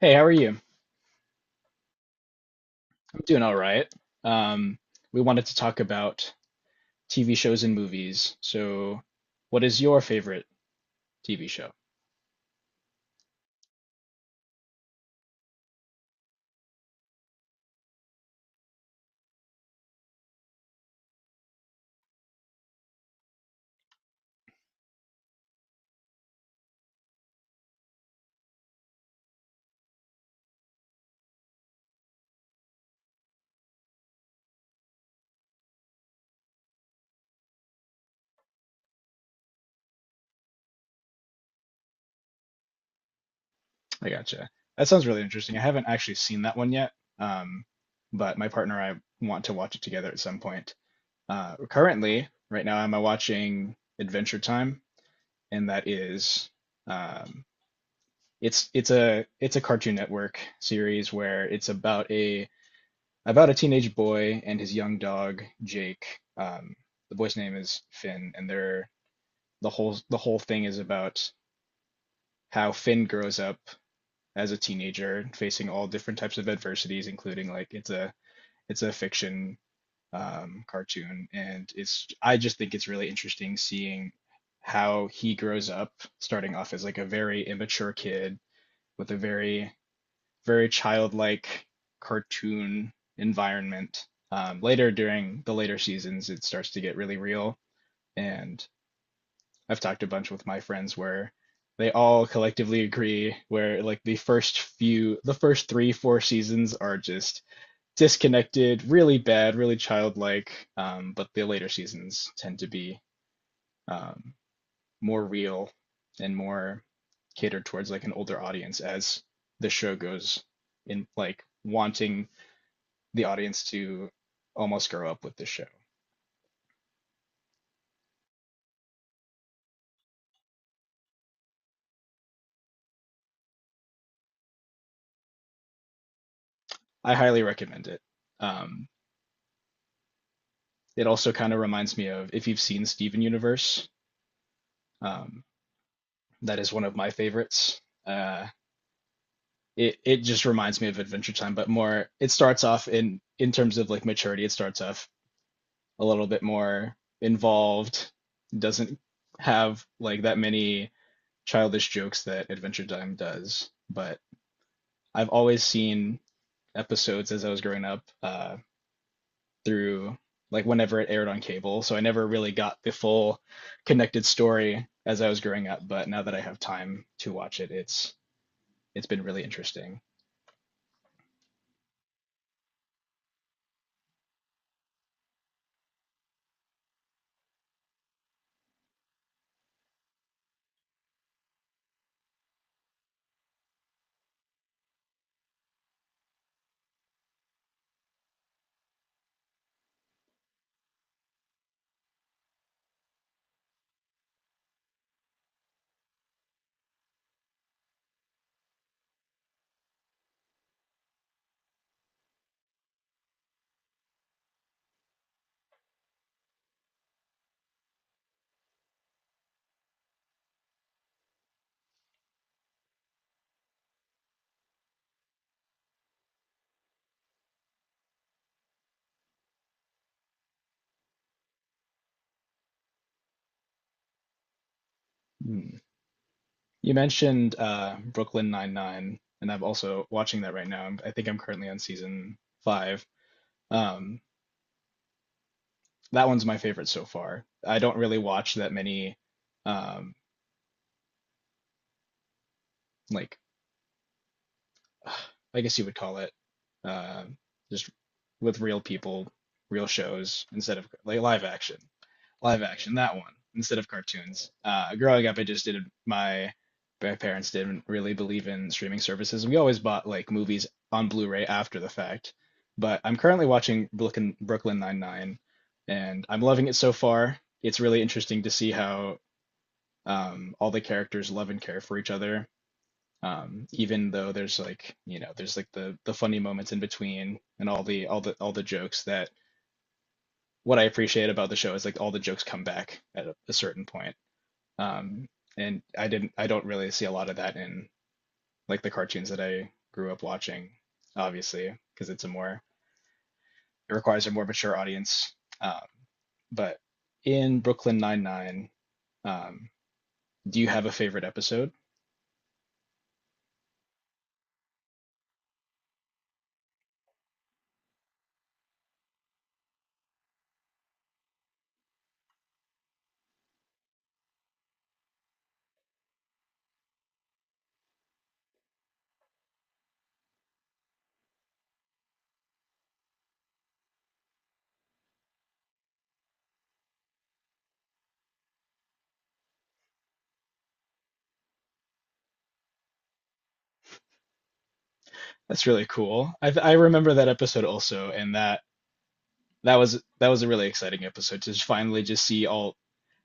Hey, how are you? I'm doing all right. Um, we wanted to talk about TV shows and movies. So, what is your favorite TV show? I gotcha. That sounds really interesting. I haven't actually seen that one yet, um, but my partner and I want to watch it together at some point. Currently, right now, I'm watching Adventure Time, and that is um, it's a Cartoon Network series where it's about a teenage boy and his young dog Jake. The boy's name is Finn, and they're the whole thing is about how Finn grows up as a teenager, facing all different types of adversities, including like it's a fiction cartoon, and it's I just think it's really interesting seeing how he grows up, starting off as like a very immature kid with a very childlike cartoon environment. Later during the later seasons, it starts to get really real. And I've talked a bunch with my friends where they all collectively agree where like the first few, the first three, four seasons are just disconnected, really bad, really childlike. But the later seasons tend to be um, more real and more catered towards like an older audience as the show goes in like wanting the audience to almost grow up with the show. I highly recommend it. Um, it also kind of reminds me of if you've seen Steven Universe, um, that is one of my favorites. Uh, it just reminds me of Adventure Time, but more. It starts off in terms of like maturity. It starts off a little bit more involved. Doesn't have like that many childish jokes that Adventure Time does, but I've always seen episodes as I was growing up through like whenever it aired on cable. So I never really got the full connected story as I was growing up, but now that I have time to watch it, it's been really interesting. Hmm. You mentioned Brooklyn Nine-Nine, and I'm also watching that right now. I think I'm currently on season five. Um, that one's my favorite so far. I don't really watch that many um, like I guess you would call it, uh, just with real people, real shows instead of like live action that one instead of cartoons. Growing up, I just didn't. My parents didn't really believe in streaming services. We always bought like movies on Blu-ray after the fact. But I'm currently watching Brooklyn Nine Nine, and I'm loving it so far. It's really interesting to see how all the characters love and care for each other even though there's like there's like the funny moments in between and all the jokes that what I appreciate about the show is like all the jokes come back at a certain point um and I don't really see a lot of that in like the cartoons that I grew up watching obviously because it's a more it requires a more mature audience um but in Brooklyn Nine-Nine, um do you have a favorite episode? That's really cool. I remember that episode also, and that that was a really exciting episode to just finally just see all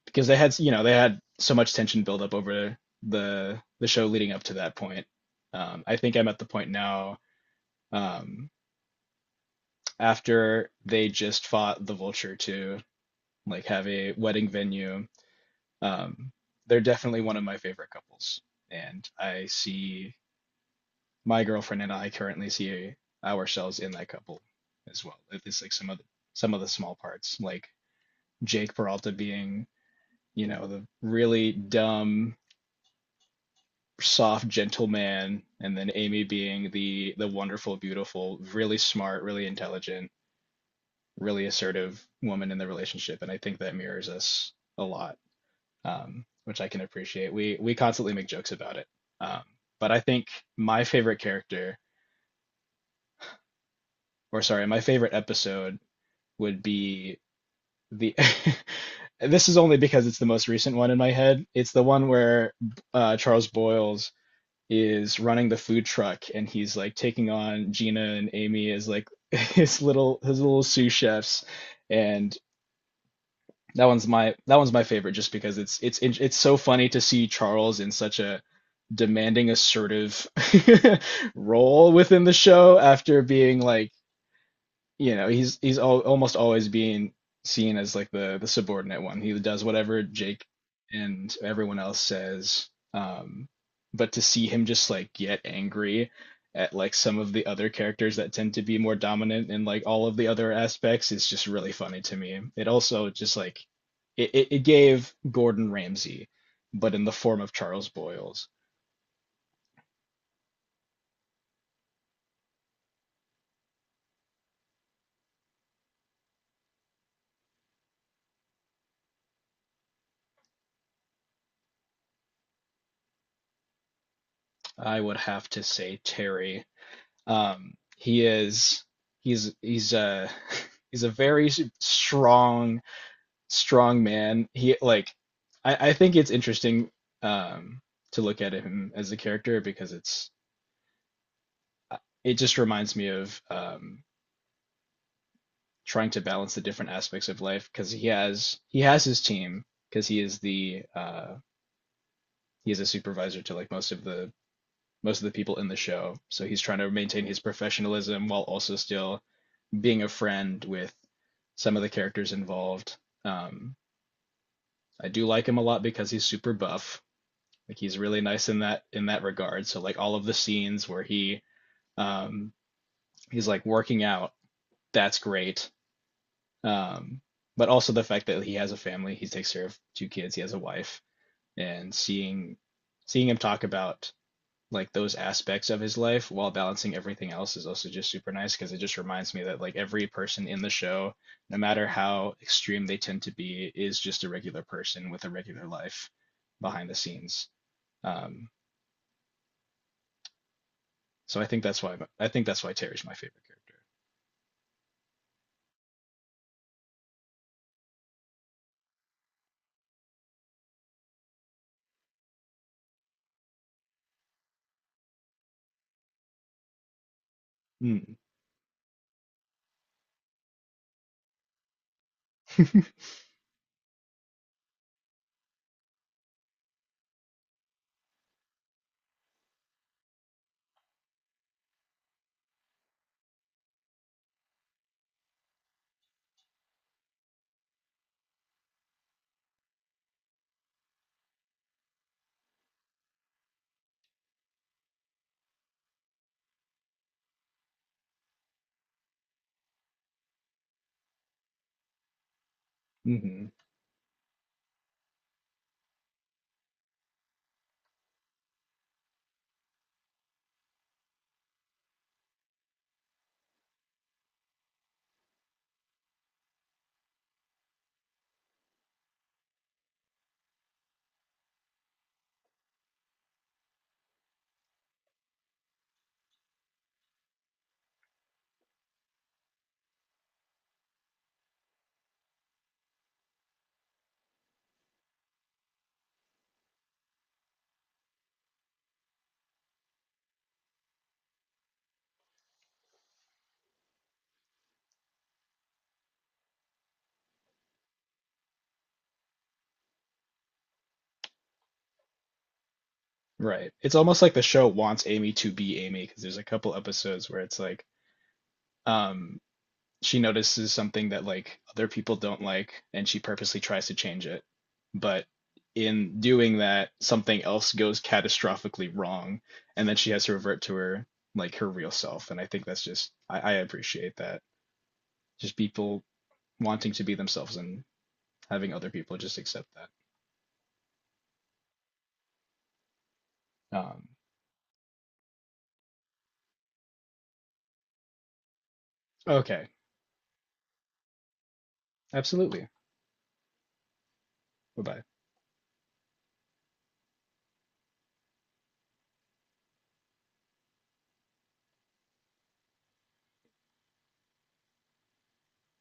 because they had they had so much tension build up over the show leading up to that point. I think I'm at the point now um, after they just fought the vulture to like have a wedding venue. Um, they're definitely one of my favorite couples, and I see my girlfriend and I currently see ourselves in that couple as well. At least like some of the small parts, like Jake Peralta being the really dumb, soft, gentle man, and then Amy being the wonderful, beautiful, really smart, really intelligent, really assertive woman in the relationship. And I think that mirrors us a lot, which I can appreciate. We constantly make jokes about it. Um, but I think my favorite character, or sorry, my favorite episode would be the this is only because it's the most recent one in my head. It's the one where Charles Boyles is running the food truck and he's like taking on Gina and Amy as like his little sous chefs, and that one's my favorite just because it's so funny to see Charles in such a demanding assertive role within the show after being like he's al almost always being seen as like the subordinate one. He does whatever Jake and everyone else says. Um, but to see him just like get angry at like some of the other characters that tend to be more dominant in like all of the other aspects is just really funny to me. It also just like it gave Gordon Ramsay, but in the form of Charles Boyles. I would have to say Terry. He is he's a he's a very strong strong man. He like I think it's interesting um to look at him as a character because it's uh, it just reminds me of trying to balance the different aspects of life because he has his team because he is the he is a supervisor to like most of the people in the show. So he's trying to maintain his professionalism while also still being a friend with some of the characters involved. Um, I do like him a lot because he's super buff. Like he's really nice in that regard. So like all of the scenes where um, he's like working out, that's great. Um, but also the fact that he has a family, he takes care of two kids, he has a wife, and seeing him talk about like those aspects of his life while balancing everything else is also just super nice because it just reminds me that like every person in the show, no matter how extreme they tend to be, is just a regular person with a regular life behind the scenes. Um, so I think that's why Terry's my favorite character. Mm. Hmm. Right. It's almost like the show wants Amy to be Amy because there's a couple episodes where it's like um she notices something that like other people don't like and she purposely tries to change it, but in doing that something else goes catastrophically wrong, and then she has to revert to her like her real self, and I appreciate that just people wanting to be themselves and having other people just accept that. um okay, absolutely. Bye bye.